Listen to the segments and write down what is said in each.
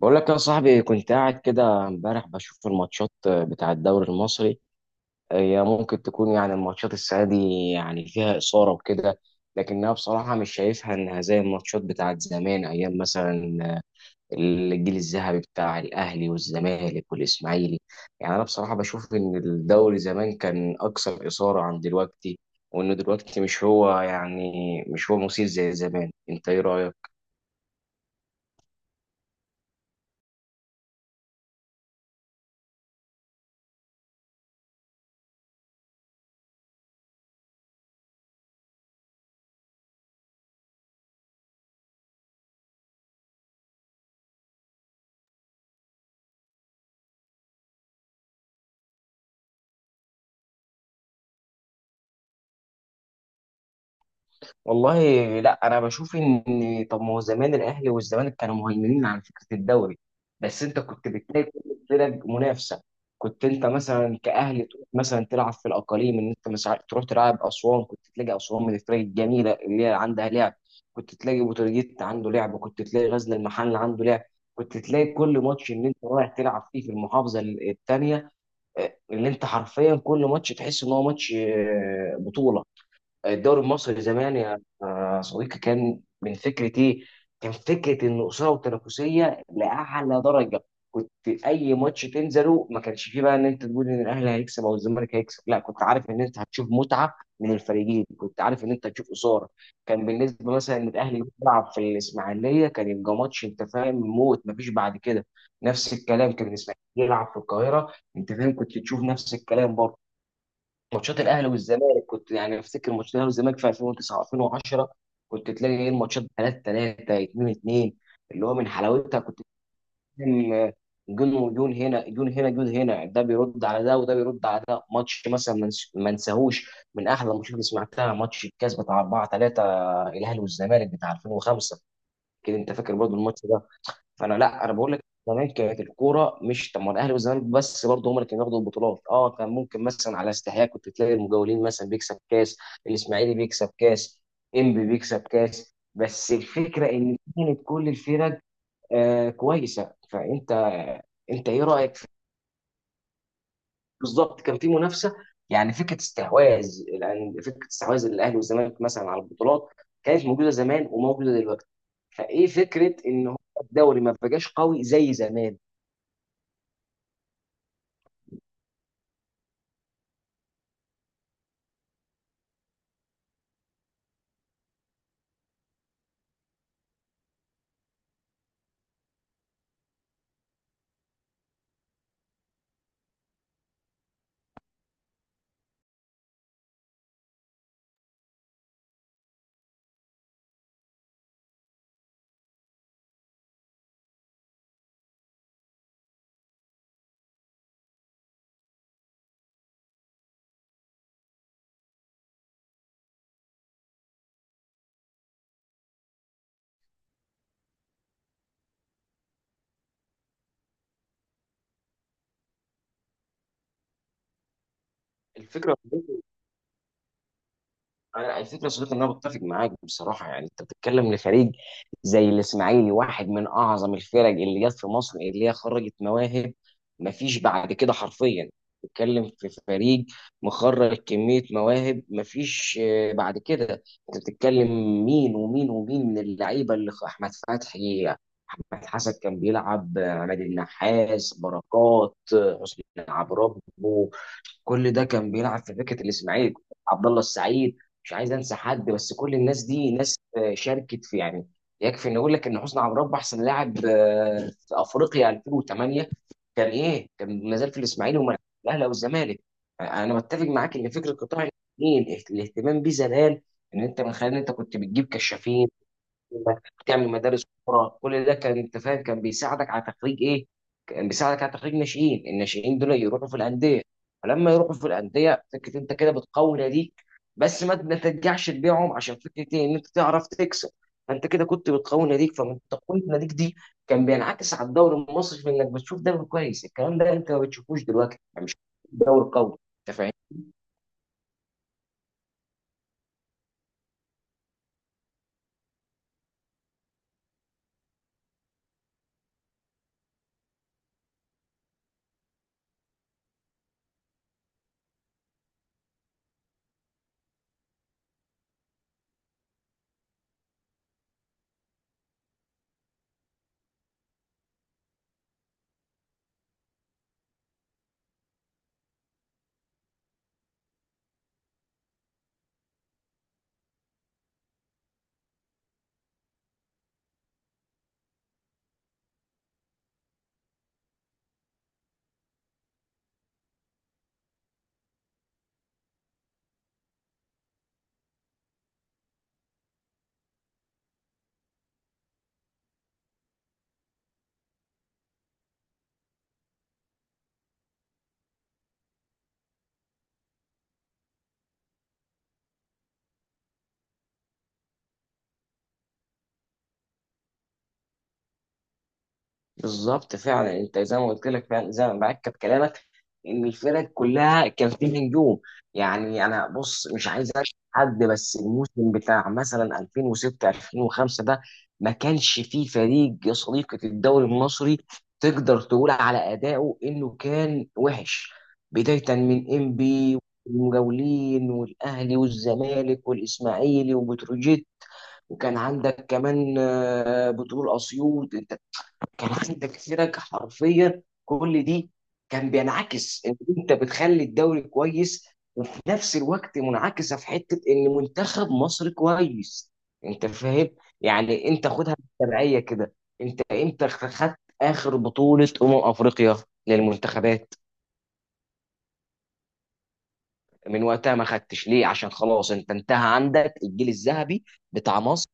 بقول لك يا صاحبي، كنت قاعد كده امبارح بشوف الماتشات بتاع الدوري المصري. هي ممكن تكون يعني الماتشات السنة دي يعني فيها إثارة وكده، لكنها بصراحة مش شايفها إنها زي الماتشات بتاعت زمان، أيام مثلا الجيل الذهبي بتاع الأهلي والزمالك والإسماعيلي. يعني أنا بصراحة بشوف إن الدوري زمان كان أكثر إثارة عن دلوقتي، وإنه دلوقتي مش هو يعني مش هو مثير زي زمان. أنت إيه رأيك؟ والله لا، انا بشوف ان طب ما هو زمان الاهلي والزمالك كانوا مهيمنين على فكره الدوري، بس انت كنت بتلاقي كل الفرق منافسه. كنت انت مثلا كاهلي تروح مثلا تلعب في الاقاليم، ان انت مثلا تروح تلعب اسوان، كنت تلاقي اسوان من الفرق الجميله اللي هي عندها لعب. كنت تلاقي بوتروجيت عنده لعب، كنت تلاقي غزل المحل عنده لعب. كنت تلاقي كل ماتش ان انت رايح تلعب فيه في المحافظه الثانيه، اللي انت حرفيا كل ماتش تحس ان هو ماتش بطوله. الدوري المصري زمان يا صديقي كان من فكره ايه؟ كان فكره ان اثاره وتنافسيه لاعلى درجه. كنت اي ماتش تنزله ما كانش فيه بقى ان انت تقول ان الاهلي هيكسب او الزمالك هيكسب، لا، كنت عارف ان انت هتشوف متعه من الفريقين، كنت عارف ان انت هتشوف اثاره. كان بالنسبه مثلا ان الاهلي بيلعب في الاسماعيليه كان يبقى ماتش، انت فاهم، موت، ما فيش بعد كده. نفس الكلام كان الاسماعيلي يلعب في القاهره، انت فاهم، كنت تشوف نفس الكلام برضه. ماتشات الاهلي والزمالك كنت يعني افتكر ماتشات الاهلي والزمالك في 2009 2010، كنت تلاقي ايه الماتشات 3-3 2-2، اللي هو من حلاوتها. كنت فاهم، جون وجون، هنا جون هنا جون، هنا ده بيرد على ده وده بيرد على ده. ماتش مثلا ما انساهوش، من احلى الماتشات اللي سمعتها، ماتش الكاس بتاع 4-3 الاهلي والزمالك بتاع 2005. كده انت فاكر برضه الماتش. فانا لا، انا بقول لك زمان كانت الكوره مش طب، ما الاهلي والزمالك بس برضه هم اللي كانوا بياخدوا البطولات، اه، كان ممكن مثلا على استحياء كنت تلاقي المجاولين مثلا بيكسب كاس، الاسماعيلي بيكسب كاس، انبي بيكسب كاس، بس الفكره ان كانت كل الفرق آه كويسه. فانت انت ايه رايك في بالظبط كان في منافسه. يعني فكره استحواذ، يعني فكره استحواذ الاهلي والزمالك مثلا على البطولات كانت موجوده زمان وموجوده دلوقتي. فايه فكره ان هو الدوري ما بقاش قوي زي زمان. الفكرة الفكرة يا صديقي إن أنا بتفق معاك بصراحة. يعني أنت بتتكلم لفريق زي الإسماعيلي، واحد من أعظم الفرق اللي جت في مصر، اللي هي خرجت مواهب مفيش بعد كده حرفيا. بتتكلم في فريق مخرج كمية مواهب مفيش بعد كده. أنت بتتكلم مين ومين ومين من اللعيبة، اللي أحمد فتحي، أحمد حسن كان بيلعب، عماد النحاس، بركات، حسني عبد ربه، كل ده كان بيلعب في فكره الاسماعيلي. عبد الله السعيد، مش عايز انسى حد، بس كل الناس دي ناس شاركت في يعني. يكفي ان اقول لك ان حسني عبد ربه احسن لاعب في افريقيا 2008، كان ايه كان ما زال في الاسماعيلي وما الاهلي او الزمالك. انا متفق معاك ان فكره قطاع الاثنين، الاهتمام بيه زمان، ان انت من خلال ان انت كنت بتجيب كشافين، انك تعمل مدارس كوره، كل ده كان انت فاهم كان بيساعدك على تخريج ايه؟ كان بيساعدك على تخريج ناشئين، الناشئين دول يروحوا في الانديه، فلما يروحوا في الانديه فكره انت كده بتقوي ناديك، بس ما ترجعش تبيعهم عشان فكره ايه؟ ان انت تعرف تكسب. فانت كده كنت بتقوي ناديك، فمن تقويه ناديك دي كان بينعكس على الدوري المصري في انك بتشوف دوري كويس. الكلام ده انت ما بتشوفوش دلوقتي، يعني مش دوري قوي، انت فاهم؟ بالظبط فعلا، انت زي ما قلت لك، فعلا زي ما معاك كلامك ان الفرق كلها كان فيه نجوم. يعني انا بص مش عايز اشهد حد، بس الموسم بتاع مثلا 2006 2005 ده ما كانش فيه فريق يا صديقي في الدوري المصري تقدر تقول على ادائه انه كان وحش. بدايه من انبي والمجاولين والاهلي والزمالك والاسماعيلي وبتروجيت، وكان عندك كمان بترول اسيوط. انت كان عندك فرق حرفيا كل دي كان بينعكس ان انت بتخلي الدوري كويس، وفي نفس الوقت منعكسه في حته ان منتخب مصر كويس. انت فاهم؟ يعني انت خدها بالتبعيه كده، انت امتى خدت اخر بطوله افريقيا للمنتخبات؟ من وقتها ما خدتش ليه؟ عشان خلاص انت انتهى عندك الجيل الذهبي بتاع مصر.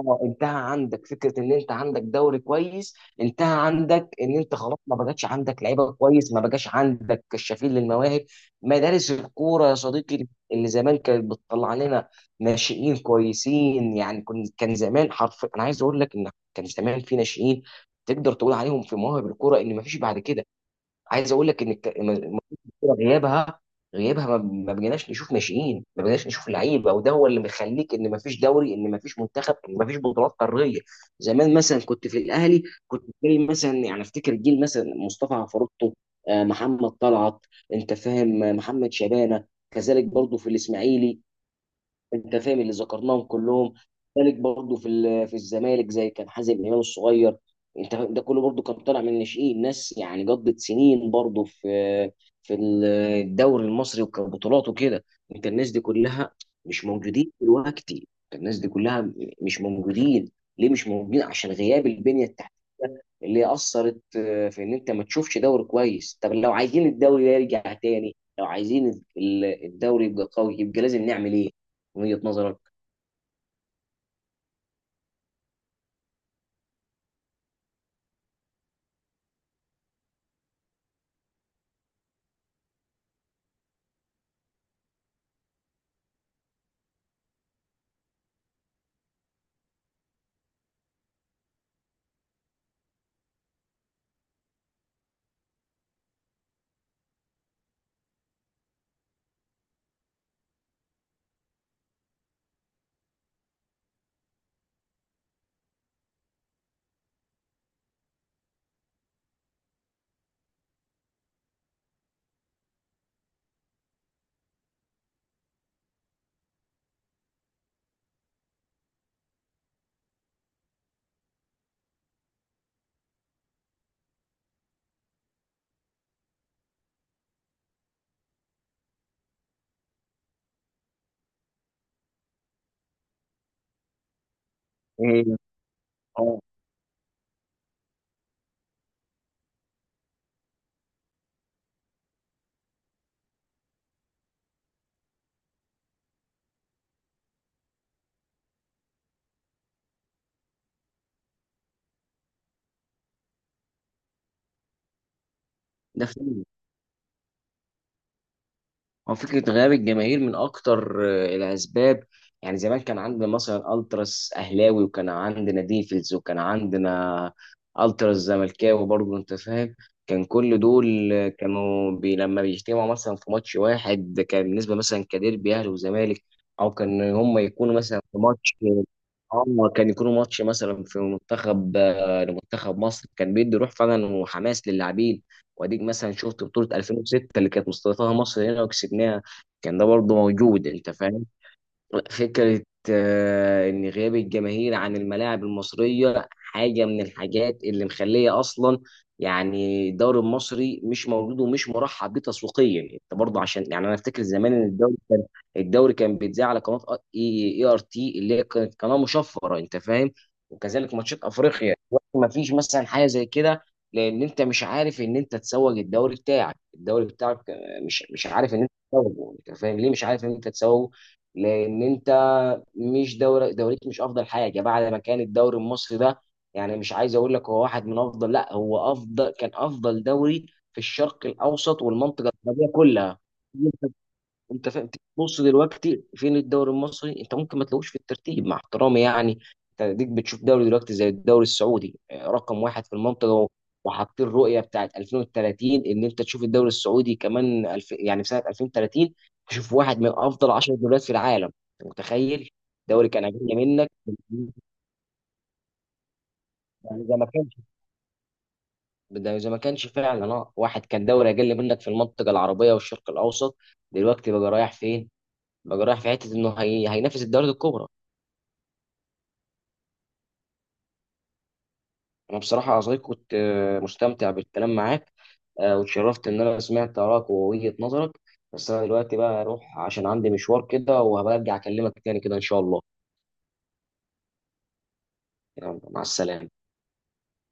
اه، انتهى عندك فكره ان انت عندك دوري كويس، انتهى عندك ان انت خلاص ما بقاش عندك لعيبه كويس، ما بقاش عندك كشافين للمواهب. مدارس الكوره يا صديقي، اللي زمان كانت بتطلع لنا ناشئين كويسين، يعني كن كان زمان حرف، انا عايز اقول لك ان كان زمان في ناشئين تقدر تقول عليهم في مواهب الكوره ان ما فيش بعد كده. عايز اقول لك ان غيابها، غيابها ما بقيناش نشوف ناشئين، ما بقيناش نشوف لعيبه، وده هو اللي مخليك ان ما فيش دوري، ان ما فيش منتخب، ان ما فيش بطولات قاريه. زمان مثلا كنت في الاهلي، كنت بتلاقي مثلا يعني افتكر جيل مثلا مصطفى عفروتو، محمد طلعت، انت فاهم، محمد شبانه. كذلك برضه في الاسماعيلي، انت فاهم اللي ذكرناهم كلهم. ذلك برضه في الزمالك، زي كان حازم امام الصغير، انت فاهم؟ ده كله برضه كان طالع من الناشئين، ناس يعني قضت سنين برضه في في الدوري المصري وكبطولات وكده. انت الناس دي كلها مش موجودين دلوقتي، انت الناس دي كلها مش موجودين. ليه مش موجودين؟ عشان غياب البنية التحتية اللي اثرت في ان انت ما تشوفش دوري كويس. طب لو عايزين الدوري ده يرجع تاني، لو عايزين الدوري يبقى قوي، يبقى لازم نعمل ايه؟ وجهة نظرك إيه؟ اه، ده فعلا هو فكره غياب الجماهير من اكتر الاسباب. يعني زمان كان عندنا مثلا التراس اهلاوي، وكان عندنا ديفلز، وكان عندنا التراس زملكاوي برضه، انت فاهم. كان كل دول كانوا بي لما بيجتمعوا مثلا في ماتش واحد كان بالنسبه مثلا كديربي اهلي وزمالك، او كان هم يكونوا مثلا في ماتش، اه كان يكونوا ماتش مثلا في منتخب، لمنتخب مصر، كان بيدي روح فعلا وحماس للاعبين. واديك مثلا شفت بطولة 2006 اللي كانت مستضيفاها مصر هنا وكسبناها، كان ده برضه موجود، انت فاهم. فكرة إن غياب الجماهير عن الملاعب المصرية حاجة من الحاجات اللي مخلية أصلا يعني الدوري المصري مش موجود ومش مرحب بيه تسويقيا. أنت برضه، عشان يعني أنا أفتكر زمان إن الدوري كان، الدوري كان بيتذاع على قناة إي آر تي اللي هي كانت قناة مشفرة، أنت فاهم. وكذلك ماتشات أفريقيا دلوقتي ما فيش مثلا حاجة زي كده، لأن أنت مش عارف إن أنت تسوق الدوري بتاعك. مش عارف إن أنت تسوقه، أنت فاهم ليه مش عارف إن أنت تسوقه؟ لان انت مش دوري، دوريك مش افضل حاجه بعد ما كان الدوري المصري ده، يعني مش عايز اقول لك هو واحد من افضل، لا هو افضل، كان افضل دوري في الشرق الاوسط والمنطقه العربيه كلها، انت فاهم. بص دلوقتي فين الدوري المصري؟ انت ممكن ما تلاقوش في الترتيب، مع احترامي يعني. انت ديك بتشوف دوري دلوقتي زي الدوري السعودي رقم واحد في المنطقه و-، وحاطين الرؤيه بتاعت 2030 ان انت تشوف الدوري السعودي كمان يعني في سنه 2030 تشوف واحد من افضل 10 دوريات في العالم، انت متخيل؟ دوري كان اقل منك، يعني زي ما كانش، ده زي ما كانش فعلا اه، واحد كان دوري اقل منك في المنطقه العربيه والشرق الاوسط، دلوقتي بقى رايح فين؟ بقى رايح في حته هينافس الدوري الكبرى. انا بصراحه يا صديقي كنت مستمتع بالكلام معاك، واتشرفت ان انا سمعت ارائك ووجهه نظرك. بس انا دلوقتي بقى اروح عشان عندي مشوار كده، وهبرجع اكلمك تاني كده ان شاء الله. يلا مع السلامه.